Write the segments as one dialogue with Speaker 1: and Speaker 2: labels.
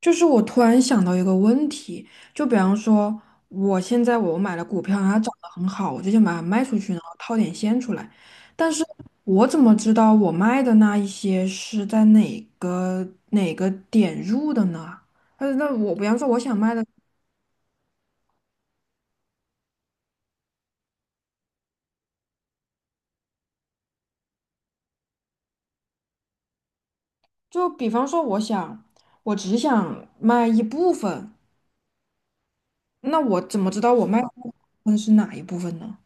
Speaker 1: 就是我突然想到一个问题，就比方说，我现在买了股票，它涨得很好，我就想把它卖出去，然后套点现出来。但是我怎么知道我卖的那一些是在哪个点入的呢？那我比方说我想卖的，就比方说我想，我只想卖一部分，那我怎么知道我卖的那部分是哪一部分呢？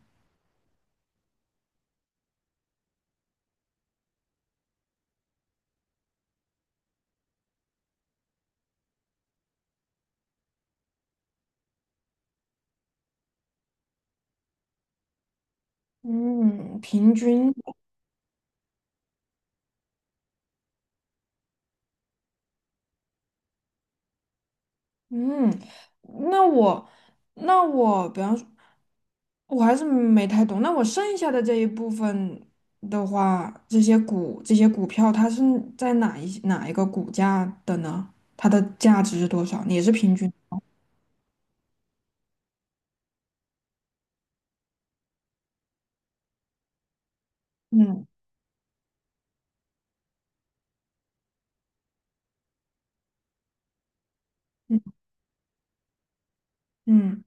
Speaker 1: 嗯，平均。嗯，那我，那我，比方说，我还是没太懂。那我剩下的这一部分的话，这些股票，它是在哪一个股价的呢？它的价值是多少？也是平均。嗯嗯嗯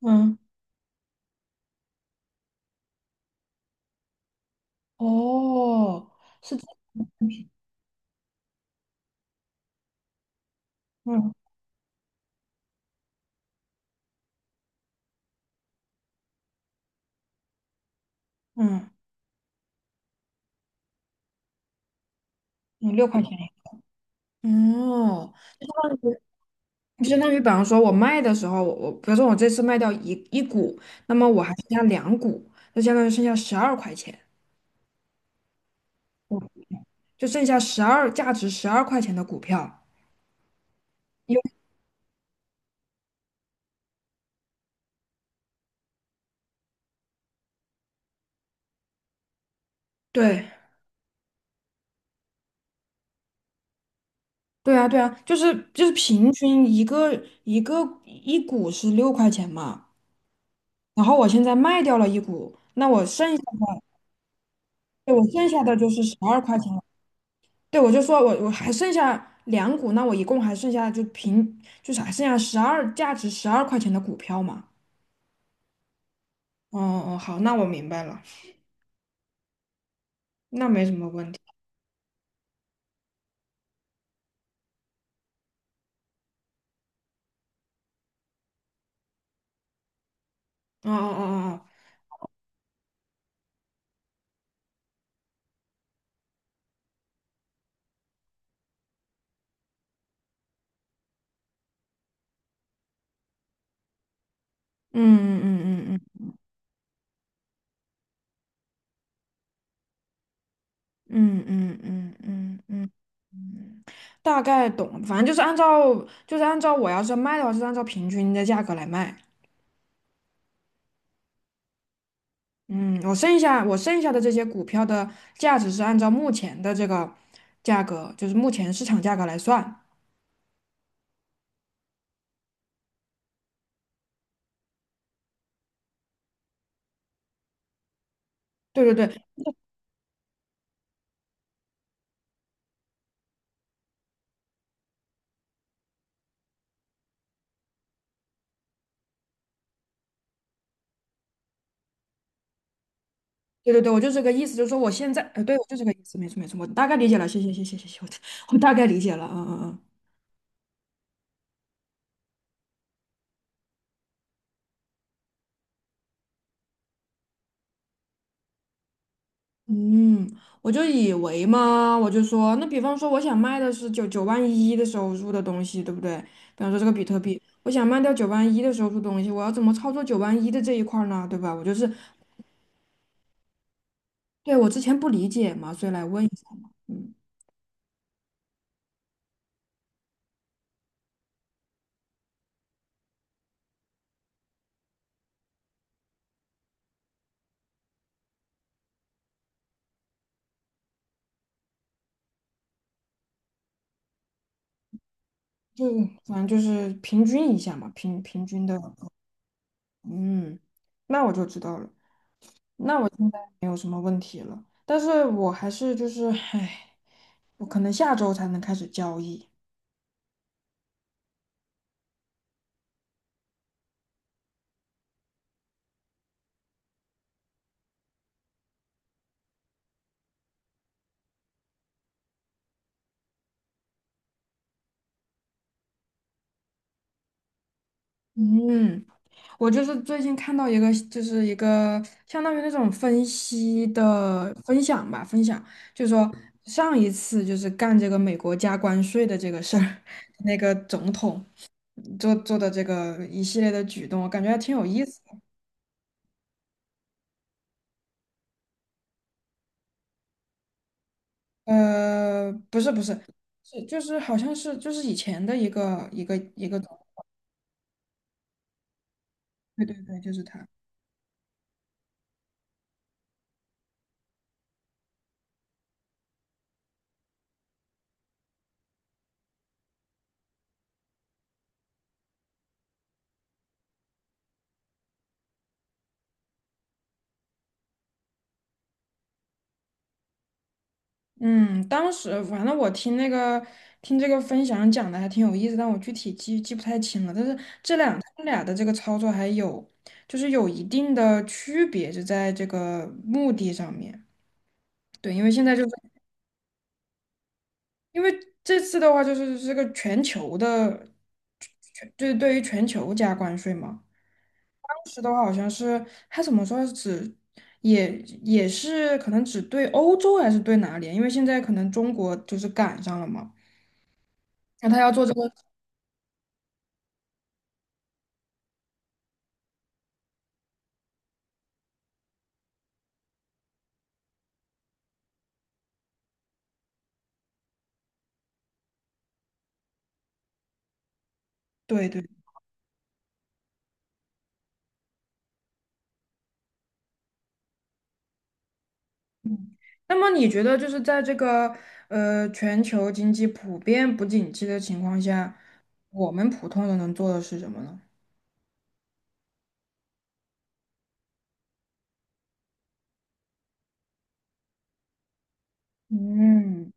Speaker 1: 嗯，哦，是这样平嗯嗯嗯，六块钱一个。哦，就相当于，比方说，我卖的时候，我比如说我这次卖掉一股，那么我还剩下两股，就相当于剩下十二块钱，嗯就剩下价值十二块钱的股票。因为对对啊对啊，就是平均一个一股是六块钱嘛，然后我现在卖掉了一股，那我剩下的对我剩下的就是十二块钱了。对，我就说我还剩下两股，那我一共还剩下就是还剩下价值十二块钱的股票嘛。哦哦，哦，好，那我明白了，那没什么问题。哦哦哦哦，哦嗯嗯嗯嗯嗯嗯嗯嗯嗯，大概懂，反正就是按照按照我要是卖的话，是按照平均的价格来卖。嗯，我剩下的这些股票的价值是按照目前的这个价格，就是目前市场价格来算。对对对对对对，我就这个意思，就是说我现在，对，我就这个意思，没错没错，我大概理解了，谢谢谢谢谢谢，我 我大概理解了，嗯嗯嗯。嗯，我就以为嘛，我就说，那比方说我想卖的是九万一的时候入的东西，对不对？比方说这个比特币，我想卖掉九万一的时候入东西，我要怎么操作九万一的这一块儿呢？对吧？我就是，对，我之前不理解嘛，所以来问一下嘛。嗯，就反正就是平均一下嘛，平均的。嗯，那我就知道了。那我现在，但是我还是就是，唉，我可能下周才能开始交易。嗯。我就是最近看到一个，就是一个相当于那种分析的分享吧，就是说上一次就是干这个美国加关税的这个事儿，那个总统做的这个一系列的举动，我感觉还挺有意思的不是不是，是就是好像是就是以前的一个总，对对对，就是他。嗯，当时反正我听那个听这个分享讲的还挺有意思，但我具体记不太清了。但是这两他们俩的这个操作还有就是有一定的区别，就在这个目的上面。对，因为现在就是因为这次的话就是这个全球的，就是对于全球加关税嘛。当时的话好像是他怎么说也也是可能只对欧洲还是对哪里啊？因为现在可能中国就是赶上了嘛。那他要做这个。对对。那么你觉得就是在这个全球经济普遍不景气的情况下，我们普通人能做的是什么呢？嗯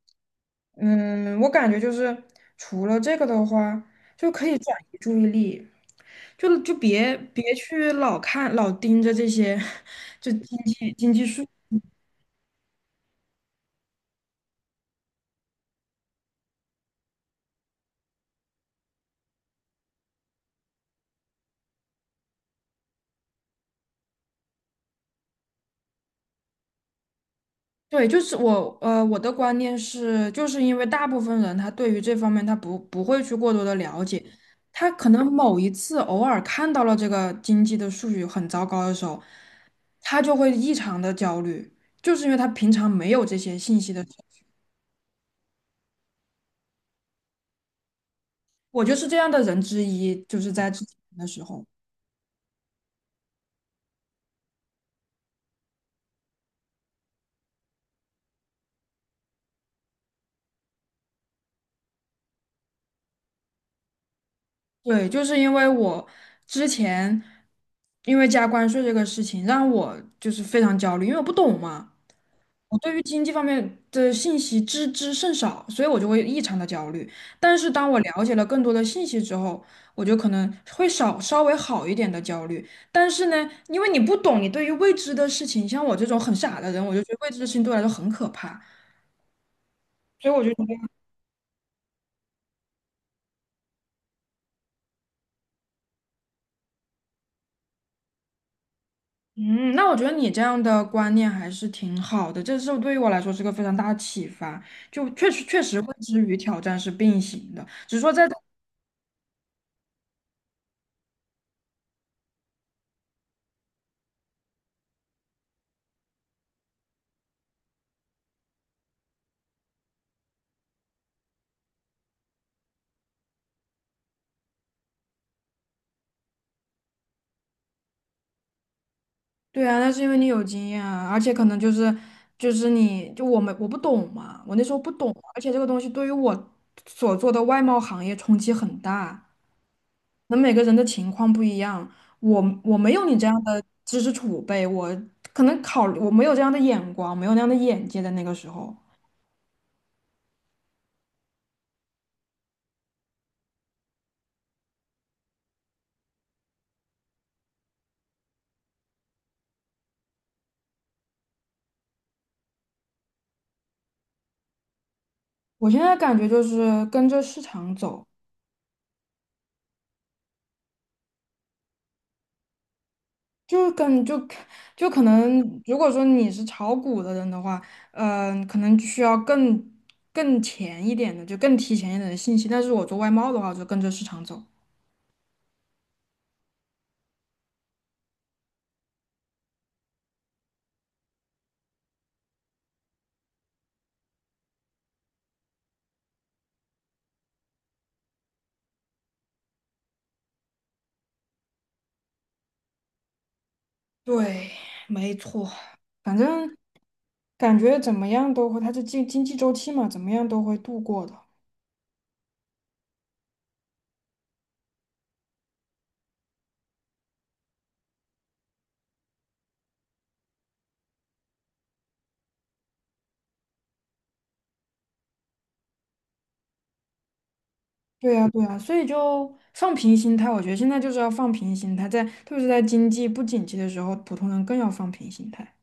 Speaker 1: 嗯，我感觉就是除了这个的话，就可以转移注意力，就别去老盯着这些 对，就是我，我的观念是，就是因为大部分人他对于这方面他不会去过多的了解，他可能某一次偶尔看到了这个经济的数据很糟糕的时候，他就会异常的焦虑，就是因为他平常没有这些信息的时候。我就是这样的人之一，就是在之前的时候，对，就是因为我之前因为加关税这个事情让我就是非常焦虑，因为我不懂嘛。我对于经济方面的信息知之甚少，所以我就会异常的焦虑。但是当我了解了更多的信息之后，我就可能会稍微好一点的焦虑。但是呢，因为你不懂，你对于未知的事情，像我这种很傻的人，我就觉得未知的事情对我来说很可怕。所以我就觉得，嗯，那我觉得你这样的观念还是挺好的，这是对于我来说是个非常大的启发。就确实确实，未知与挑战是并行的，只是说在对啊，那是因为你有经验啊，而且可能就是就是你就我们我不懂嘛，我那时候不懂，而且这个东西对于我所做的外贸行业冲击很大。那每个人的情况不一样，我没有你这样的知识储备，我可能考我没有这样的眼光，没有那样的眼界在那个时候。我现在感觉就是跟着市场走。就跟就就可能，如果说你是炒股的人的话，可能需要更前一点的，就更提前一点的信息。但是我做外贸的话，我就跟着市场走。对，没错，反正感觉怎么样都会，它是经济周期嘛，怎么样都会度过的。对呀，对呀，所以就放平心态，我觉得现在就是要放平心态，特别是在经济不景气的时候，普通人更要放平心态。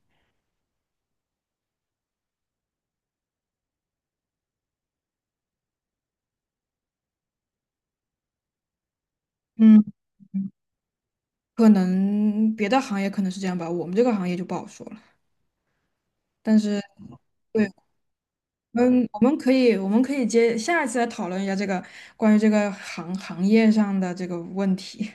Speaker 1: 嗯。可能别的行业可能是这样吧，我们这个行业就不好说了。但是，对，我们可以，我们可以接下一次来讨论一下这个关于这个行业上的这个问题。